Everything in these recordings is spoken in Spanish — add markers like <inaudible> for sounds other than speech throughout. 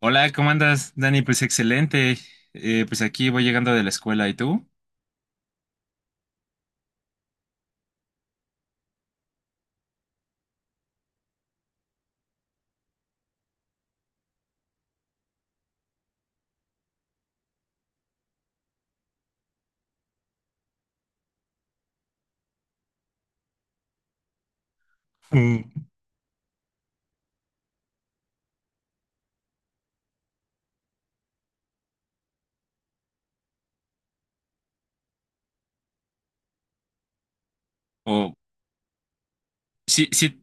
Hola, ¿cómo andas, Dani? Pues excelente. Pues aquí voy llegando de la escuela, ¿y tú? O sí, sí,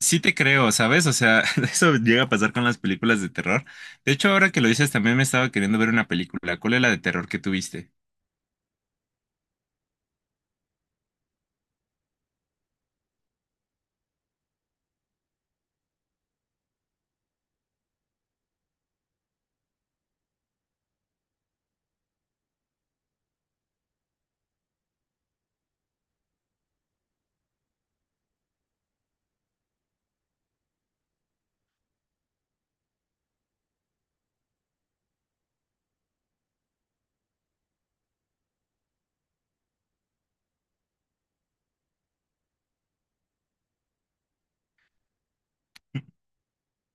sí te creo, ¿sabes? O sea, <laughs> eso llega a pasar con las películas de terror. De hecho, ahora que lo dices, también me estaba queriendo ver una película. ¿Cuál es la de terror que tuviste?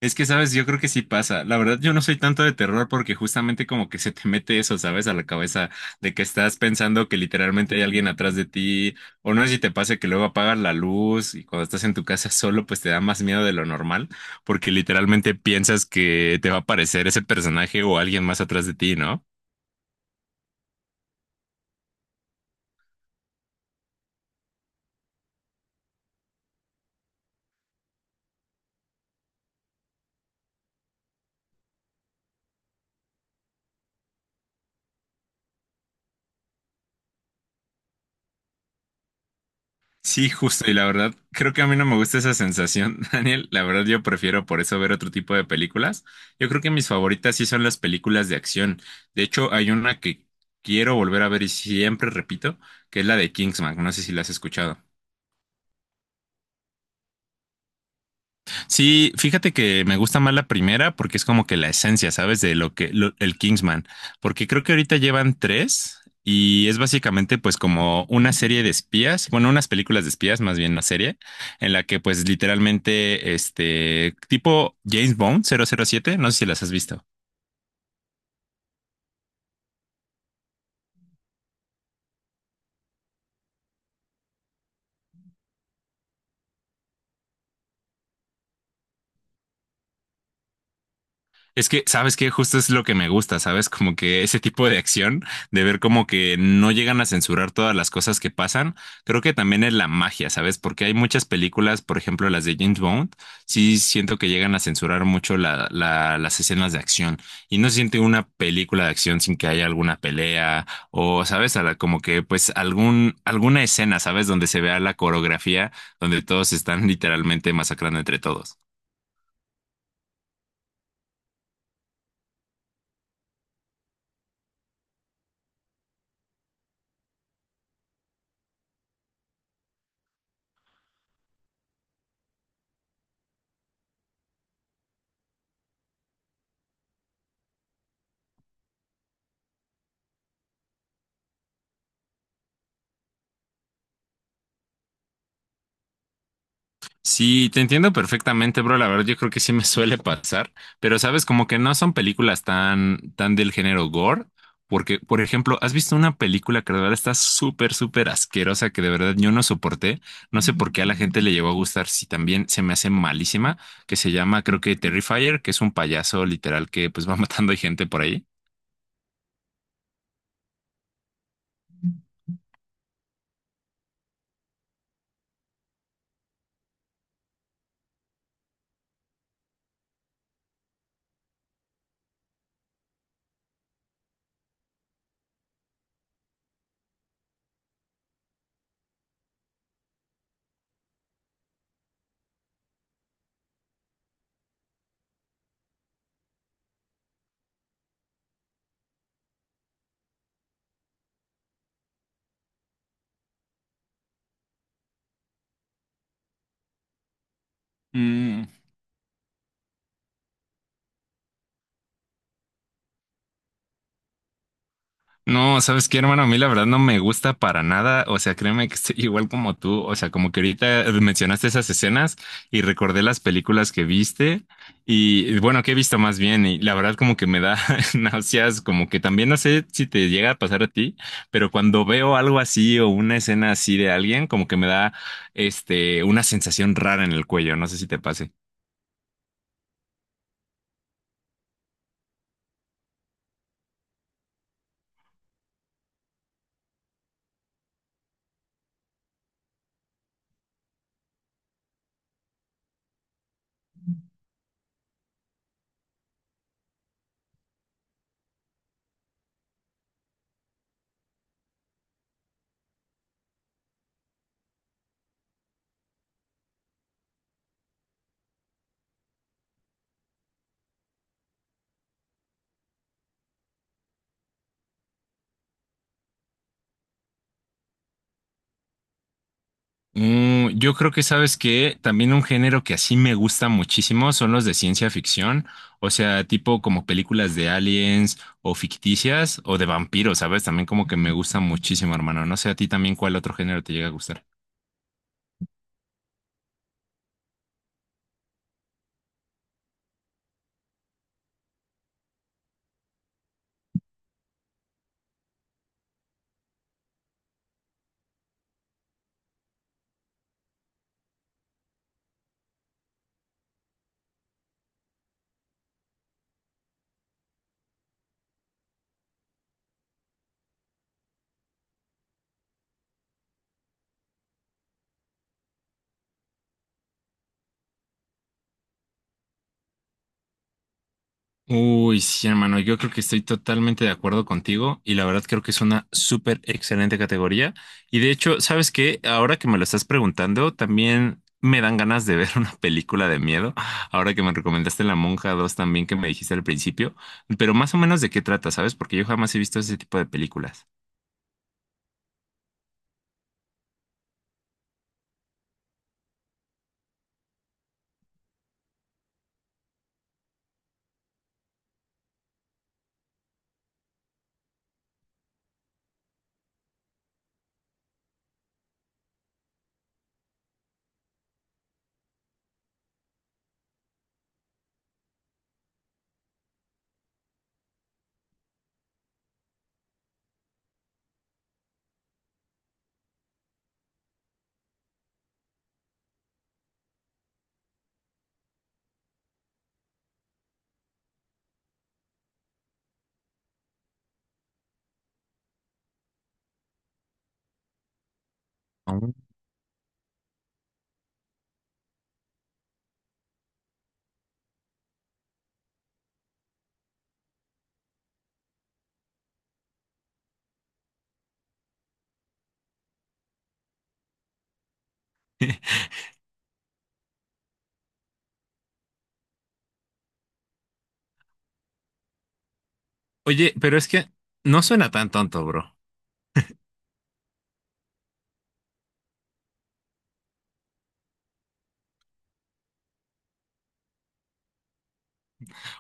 Es que, sabes, yo creo que sí pasa. La verdad, yo no soy tanto de terror porque justamente como que se te mete eso, sabes, a la cabeza de que estás pensando que literalmente hay alguien atrás de ti, o no sé si te pasa que luego apagas la luz y cuando estás en tu casa solo, pues te da más miedo de lo normal porque literalmente piensas que te va a aparecer ese personaje o alguien más atrás de ti, ¿no? Sí, justo, y la verdad, creo que a mí no me gusta esa sensación, <laughs> Daniel. La verdad, yo prefiero por eso ver otro tipo de películas. Yo creo que mis favoritas sí son las películas de acción. De hecho, hay una que quiero volver a ver y siempre repito, que es la de Kingsman. No sé si la has escuchado. Sí, fíjate que me gusta más la primera porque es como que la esencia, ¿sabes? De lo que lo- El Kingsman, porque creo que ahorita llevan tres y es básicamente pues como una serie de espías, bueno, unas películas de espías, más bien una serie en la que pues literalmente este tipo James Bond 007, no sé si las has visto. Es que, ¿sabes qué? Justo es lo que me gusta, ¿sabes? Como que ese tipo de acción, de ver como que no llegan a censurar todas las cosas que pasan, creo que también es la magia, ¿sabes? Porque hay muchas películas, por ejemplo, las de James Bond, sí siento que llegan a censurar mucho las escenas de acción y no se siente una película de acción sin que haya alguna pelea o, ¿sabes? Como que, pues, alguna escena, ¿sabes? Donde se vea la coreografía, donde todos están <laughs> literalmente masacrando entre todos. Sí, te entiendo perfectamente, bro. La verdad, yo creo que sí me suele pasar, pero sabes, como que no son películas tan, tan del género gore, porque, por ejemplo, ¿has visto una película que de verdad está súper, súper asquerosa que de verdad yo no soporté? No sé por qué a la gente le llegó a gustar, si también se me hace malísima, que se llama, creo que Terrifier, que es un payaso literal que pues va <laughs> matando gente por ahí. No, ¿sabes qué, hermano? A mí la verdad no me gusta para nada. O sea, créeme que estoy igual como tú. O sea, como que ahorita mencionaste esas escenas y recordé las películas que viste y bueno, que he visto más bien y la verdad como que me da <laughs> náuseas, como que también no sé si te llega a pasar a ti, pero cuando veo algo así o una escena así de alguien, como que me da una sensación rara en el cuello. No sé si te pase. Yo creo que sabes que también un género que así me gusta muchísimo son los de ciencia ficción, o sea, tipo como películas de aliens o ficticias o de vampiros, ¿sabes? También como que me gusta muchísimo, hermano. No sé a ti también cuál otro género te llega a gustar. Uy, sí, hermano, yo creo que estoy totalmente de acuerdo contigo y la verdad creo que es una súper excelente categoría. Y de hecho, ¿sabes qué? Ahora que me lo estás preguntando, también me dan ganas de ver <laughs> una película de miedo. Ahora que me recomendaste La Monja 2 también que me dijiste al principio, pero más o menos de qué trata, ¿sabes? Porque yo jamás he visto ese tipo de películas. Ah. <laughs> Oye, pero es que no suena tan tonto, bro.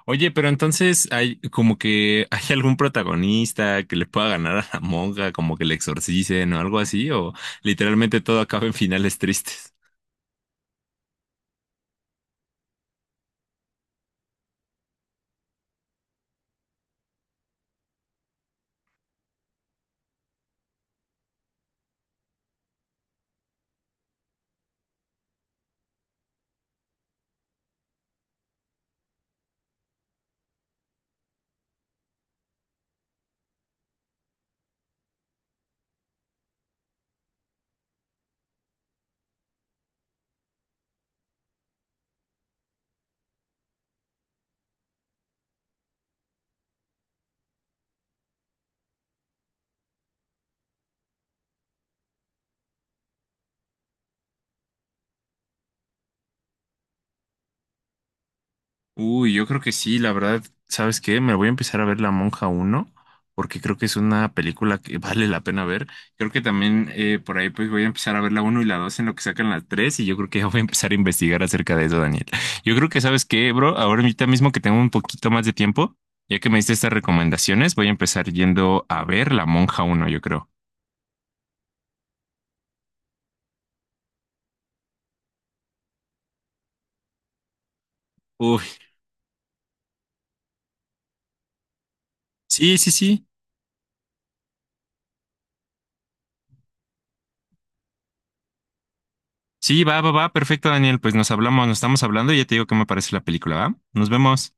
Oye, pero entonces hay como que hay algún protagonista que le pueda ganar a la monja, como que le exorcicen o algo así, o literalmente todo acaba en finales tristes. Uy, yo creo que sí, la verdad, ¿sabes qué? Me voy a empezar a ver La Monja uno, porque creo que es una película que <laughs> vale la pena ver. Creo que también por ahí pues voy a empezar a ver la uno y la 2 en lo que sacan las 3. Y yo creo que ya voy a empezar a investigar acerca de eso, Daniel. Yo creo que, ¿sabes qué, bro? Ahora ahorita mismo que tengo un poquito más de tiempo, ya que me diste estas recomendaciones, voy a empezar yendo a ver La Monja uno. Yo creo. Uy, sí, sí, sí. Sí, va, va, va, perfecto, Daniel. Pues nos hablamos, nos estamos hablando y ya te digo qué me parece la película, ¿va? Nos vemos.